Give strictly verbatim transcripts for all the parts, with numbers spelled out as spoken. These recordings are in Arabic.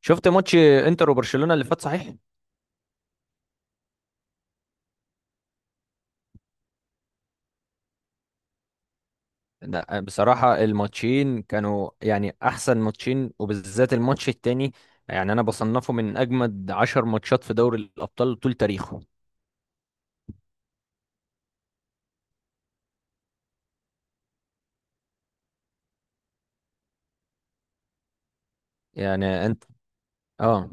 شفت ماتش انتر وبرشلونة اللي فات صحيح؟ لا، بصراحة الماتشين كانوا يعني أحسن ماتشين، وبالذات الماتش التاني. يعني أنا بصنفه من أجمد عشر ماتشات في دوري الأبطال طول تاريخه. يعني أنت، آه.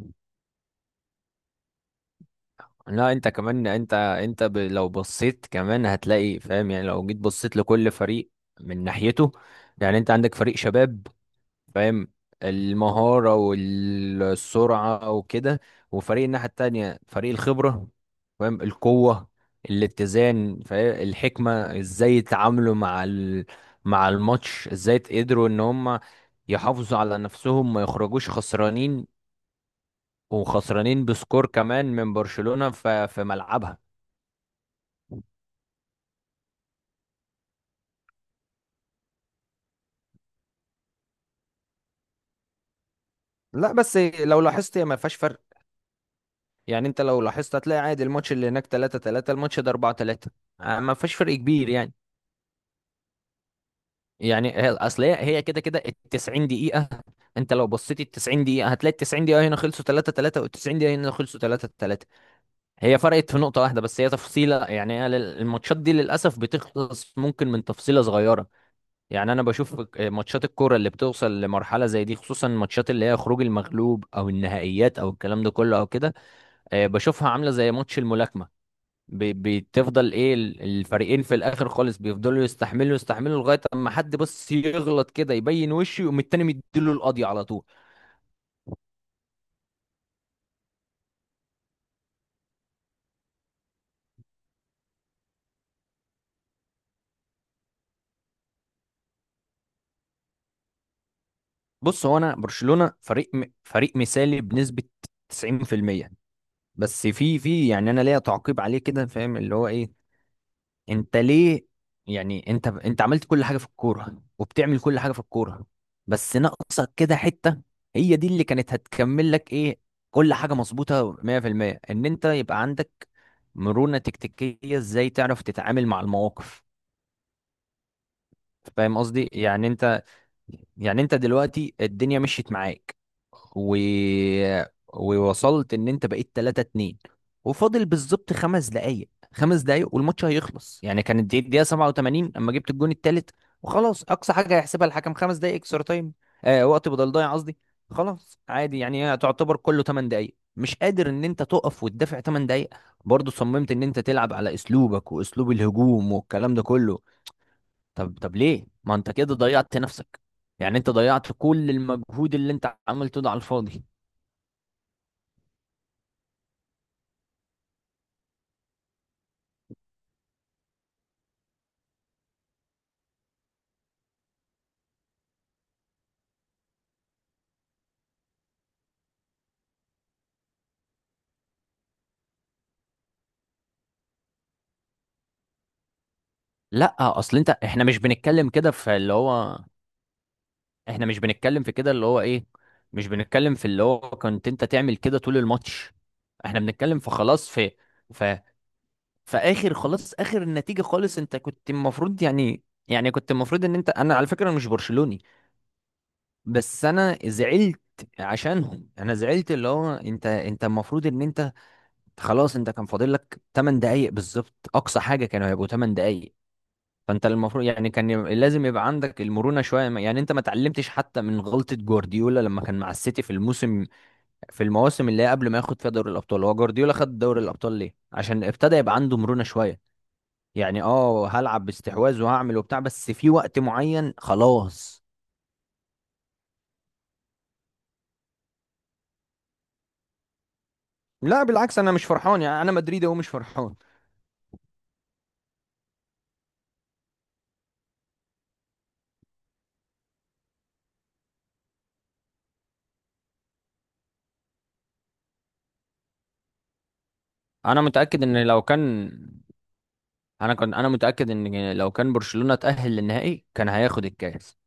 لا أنت كمان، أنت أنت ب... لو بصيت كمان هتلاقي فاهم، يعني لو جيت بصيت لكل فريق من ناحيته. يعني أنت عندك فريق شباب، فاهم، المهارة والسرعة وكده، وفريق الناحية التانية فريق الخبرة، فاهم، القوة، الاتزان، فاهم، الحكمة ازاي يتعاملوا مع ال... مع الماتش، ازاي قدروا ان هم يحافظوا على نفسهم، ما يخرجوش خسرانين، وخسرانين بسكور كمان من برشلونة ف... في ملعبها. لا بس لو لاحظت هي ما فيهاش فرق. يعني انت لو لاحظت هتلاقي عادي، الماتش اللي هناك ثلاثة ثلاثة، الماتش ده أربعة ثلاثة، ما فيهاش فرق كبير يعني. يعني هي- اصل هي هي كده كده ال 90 دقيقة. انت لو بصيت ال 90 دقيقة هتلاقي ال 90 دقيقة هنا خلصوا ثلاثة ثلاثة، وال 90 دقيقة هنا خلصوا 3 3. هي فرقت في نقطة واحدة بس، هي تفصيلة. يعني هي لل- الماتشات دي للأسف بتخلص ممكن من تفصيلة صغيرة. يعني أنا بشوف ماتشات الكورة اللي بتوصل لمرحلة زي دي، خصوصا الماتشات اللي هي خروج المغلوب أو النهائيات أو الكلام ده كله أو كده، آه، بشوفها عاملة زي ماتش الملاكمة. بي- بتفضل ايه ال- الفريقين في الاخر خالص بيفضلوا يستحملوا يستحملوا لغايه اما حد بس يغلط كده يبين وشه، يقوم التاني مديله القضية على طول. بص، هو انا برشلونه فريق م... فريق مثالي بنسبه تسعين في المية. بس في في يعني انا ليا تعقيب عليه كده، فاهم اللي هو ايه. انت ليه؟ يعني انت انت عملت كل حاجه في الكوره وبتعمل كل حاجه في الكوره، بس ناقصك كده حته، هي دي اللي كانت هتكمل لك ايه؟ كل حاجه مظبوطه مية في المية، ان انت يبقى عندك مرونه تكتيكيه، ازاي تعرف تتعامل مع المواقف. فاهم قصدي؟ يعني انت، يعني انت دلوقتي الدنيا مشيت معاك و... ووصلت ان انت بقيت ثلاثة اتنين، وفاضل بالظبط خمس دقايق، خمس دقايق والماتش هيخلص، يعني كانت دي الدقيقة سبعة وثمانين اما جبت الجون التالت. وخلاص اقصى حاجة هيحسبها الحكم خمس دقايق اكسترا تايم، آه، وقت بدل ضايع قصدي. خلاص عادي، يعني هي تعتبر كله 8 دقايق، مش قادر ان انت تقف وتدافع 8 دقايق؟ برضه صممت ان انت تلعب على اسلوبك واسلوب الهجوم والكلام ده كله. طب طب ليه ما انت كده ضيعت نفسك؟ يعني انت ضيعت كل المجهود اللي انت عملته ده على الفاضي. لا اصل انت، احنا مش بنتكلم كده في اللي هو، احنا مش بنتكلم في كده اللي هو ايه، مش بنتكلم في اللي هو كنت انت تعمل كده طول الماتش. احنا بنتكلم في خلاص، في في في اخر، خلاص اخر النتيجة خالص، انت كنت المفروض يعني، يعني كنت المفروض ان انت. انا على فكرة مش برشلوني، بس انا زعلت عشانهم. انا زعلت اللي هو انت انت المفروض ان انت، خلاص انت كان فاضل لك 8 دقايق بالظبط، اقصى حاجه كانوا هيبقوا 8 دقايق. فانت المفروض يعني كان ي- لازم يبقى عندك المرونه شويه، ما- يعني انت ما اتعلمتش حتى من غلطه جوارديولا لما كان مع السيتي في الموسم، في المواسم اللي هي قبل ما ياخد فيها دوري الابطال. هو جوارديولا خد دوري الابطال ليه؟ عشان ابتدى يبقى عنده مرونه شويه. يعني اه، هلعب باستحواذ وهعمل وبتاع، بس في وقت معين خلاص. لا بالعكس انا مش فرحان، يعني انا مدريدي ومش فرحان. انا متاكد ان لو كان، انا كنت، انا متاكد ان لو كان برشلونه تاهل للنهائي كان هياخد الكاس.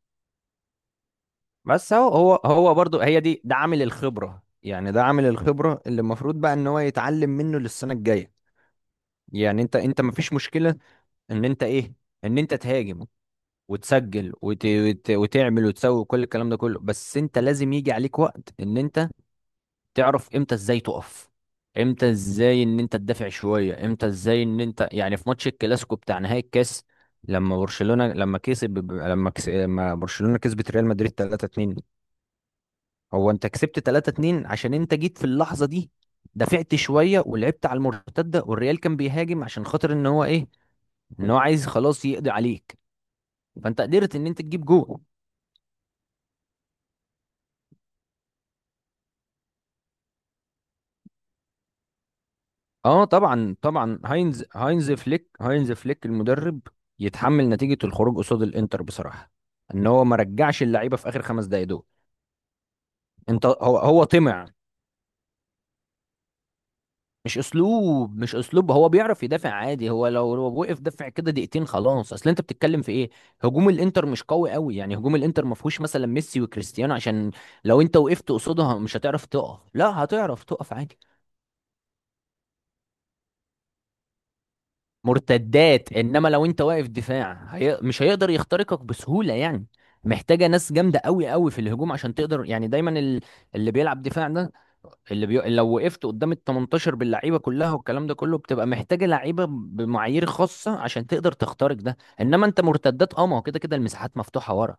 بس هو هو هو برضو هي دي، ده عامل الخبره، يعني ده عامل الخبره اللي المفروض بقى ان هو يتعلم منه للسنه الجايه. يعني انت انت مفيش مشكله ان انت ايه، ان انت تهاجم وتسجل وت... وت... وتعمل وتسوي كل الكلام ده كله، بس انت لازم يجي عليك وقت ان انت تعرف امتى ازاي تقف، امتى ازاي ان انت تدافع شويه، امتى ازاي ان انت، يعني في ماتش الكلاسيكو بتاع نهائي الكاس، لما برشلونه لما كسب، لما كس... لما برشلونه كسبت ريال مدريد ثلاثة اثنين، هو انت كسبت ثلاثة اتنين عشان انت جيت في اللحظه دي، دافعت شويه ولعبت على المرتده، والريال كان بيهاجم عشان خاطر ان هو ايه، ان هو عايز خلاص يقضي عليك، فانت قدرت ان انت تجيب جول. اه طبعا طبعا هاينز هاينز فليك، هاينز فليك المدرب يتحمل نتيجة الخروج قصاد الانتر بصراحة، ان هو ما رجعش اللعيبة في اخر خمس دقايق دول. انت هو هو طمع مش اسلوب، مش اسلوب، هو بيعرف يدافع عادي، هو لو لو وقف دفع كده دقيقتين خلاص. اصل انت بتتكلم في ايه؟ هجوم الانتر مش قوي قوي يعني، هجوم الانتر ما فيهوش مثلا ميسي وكريستيانو، عشان لو انت وقفت قصادها مش هتعرف تقف، لا هتعرف تقف عادي. مرتدات، انما لو انت واقف دفاع هي... مش هيقدر يخترقك بسهولة يعني، محتاجة ناس جامدة قوي قوي في الهجوم عشان تقدر يعني. دايما ال- اللي بيلعب دفاع ده، اللي بي... لو وقفت قدام ال تمنتاشر باللعيبة كلها والكلام ده كله بتبقى محتاجة لعيبة بمعايير خاصة عشان تقدر تخترق ده. انما انت مرتدات، اه، ما هو كده كده المساحات مفتوحة ورا،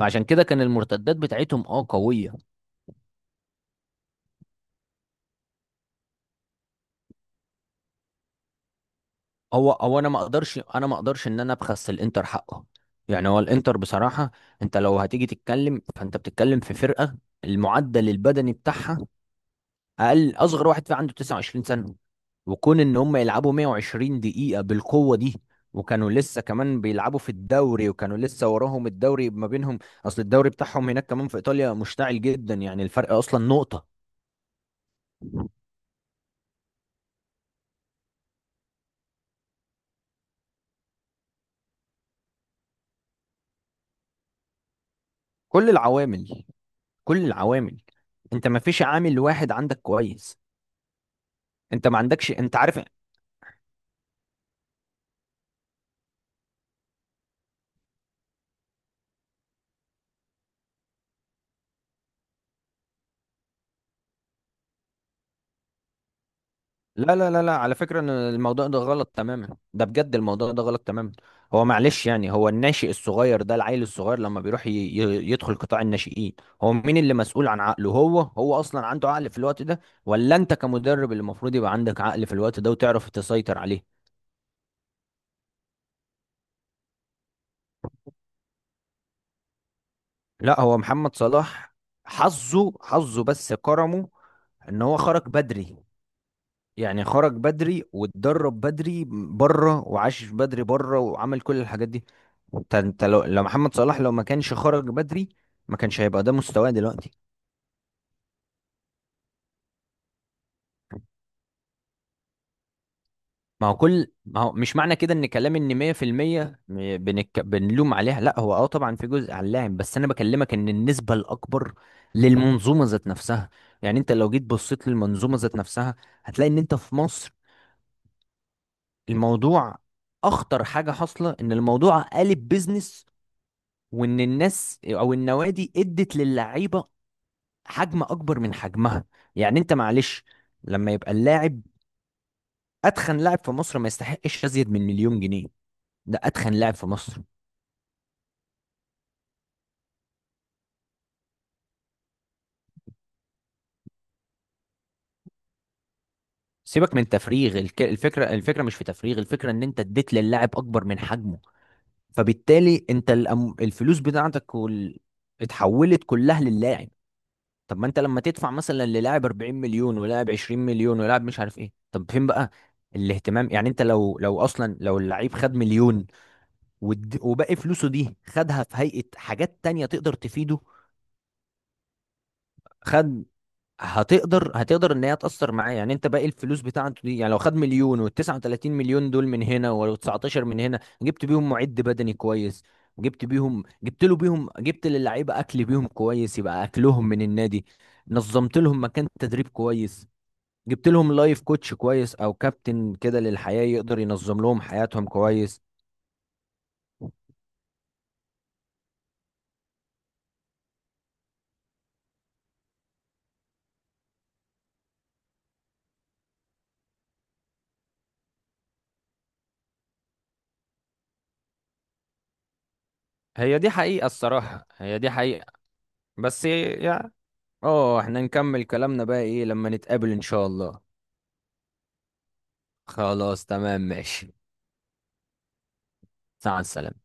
فعشان كده كان المرتدات بتاعتهم اه قوية. هو هو انا ما اقدرش، انا ما اقدرش ان انا ابخس الانتر حقه. يعني هو الانتر بصراحه، انت لو هتيجي تتكلم فانت بتتكلم في فرقه، المعدل البدني بتاعها، اقل اصغر واحد فيها عنده تسعة وعشرين سنة سنه، وكون ان هم يلعبوا مائة وعشرين دقيقة دقيقه بالقوه دي، وكانوا لسه كمان بيلعبوا في الدوري، وكانوا لسه وراهم الدوري ما بينهم، اصل الدوري بتاعهم هناك كمان في ايطاليا مشتعل جدا، يعني الفرق اصلا نقطه. كل العوامل، كل العوامل، انت ما فيش عامل واحد عندك كويس. انت ما عندكش، انت عارف. لا لا لا لا، على فكرة ان الموضوع ده غلط تماما، ده بجد الموضوع ده غلط تماما. هو معلش، يعني هو الناشئ الصغير ده، العيل الصغير لما بيروح ي... ي- يدخل قطاع الناشئين، هو مين اللي مسؤول عن عقله؟ هو هو اصلا عنده عقل في الوقت ده، ولا انت كمدرب اللي المفروض يبقى عندك عقل في الوقت ده وتعرف تسيطر عليه؟ لا هو محمد صلاح حظه حظه بس كرمه، ان هو خرج بدري، يعني خرج بدري واتدرب بدري بره وعاش بدري بره وعمل كل الحاجات دي. انت انت لو لو محمد صلاح لو ما كانش خرج بدري ما كانش هيبقى ده مستواه دلوقتي. ما هو كل ما هو مش معنى كده ان كلام ان مية في المية م- بنك... بنلوم عليها، لا هو اه طبعا في جزء على اللاعب، بس انا بكلمك ان النسبة الاكبر للمنظومة ذات نفسها. يعني انت لو جيت بصيت للمنظومة ذات نفسها، هتلاقي ان انت في مصر الموضوع، اخطر حاجة حاصلة ان الموضوع قالب بيزنس، وان الناس او النوادي ادت للعيبة حجم اكبر من حجمها. يعني انت معلش لما يبقى اللاعب، اتخن لاعب في مصر ما يستحقش ازيد من مليون جنيه، ده اتخن لاعب في مصر. سيبك من تفريغ الك- الفكره، الفكره مش في تفريغ، الفكره ان انت اديت للاعب اكبر من حجمه، فبالتالي انت الأم... الفلوس بتاعتك وال... اتحولت كلها للاعب. طب ما انت لما تدفع مثلا للاعب 40 مليون ولاعب 20 مليون ولاعب مش عارف ايه، طب فين بقى الاهتمام؟ يعني انت لو، لو اصلا لو اللعيب خد مليون ود- وباقي فلوسه دي خدها في هيئة حاجات تانية تقدر تفيده. خد، هتقدر هتقدر ان هي تأثر معاه، يعني انت باقي الفلوس بتاعته دي، يعني لو خد مليون و39 مليون دول من هنا و19 من هنا جبت بيهم معد بدني كويس، جبت بيهم جبت له بيهم جبت للعيبة اكل بيهم كويس، يبقى اكلهم من النادي، نظمت لهم مكان تدريب كويس، جبت لهم لايف كوتش كويس او كابتن كده للحياة يقدر ينظم لهم حياتهم كويس. هي دي حقيقة الصراحة، هي دي حقيقة. بس يعني، اه احنا نكمل كلامنا بقى ايه لما نتقابل ان شاء الله. خلاص تمام ماشي. مع السلامة.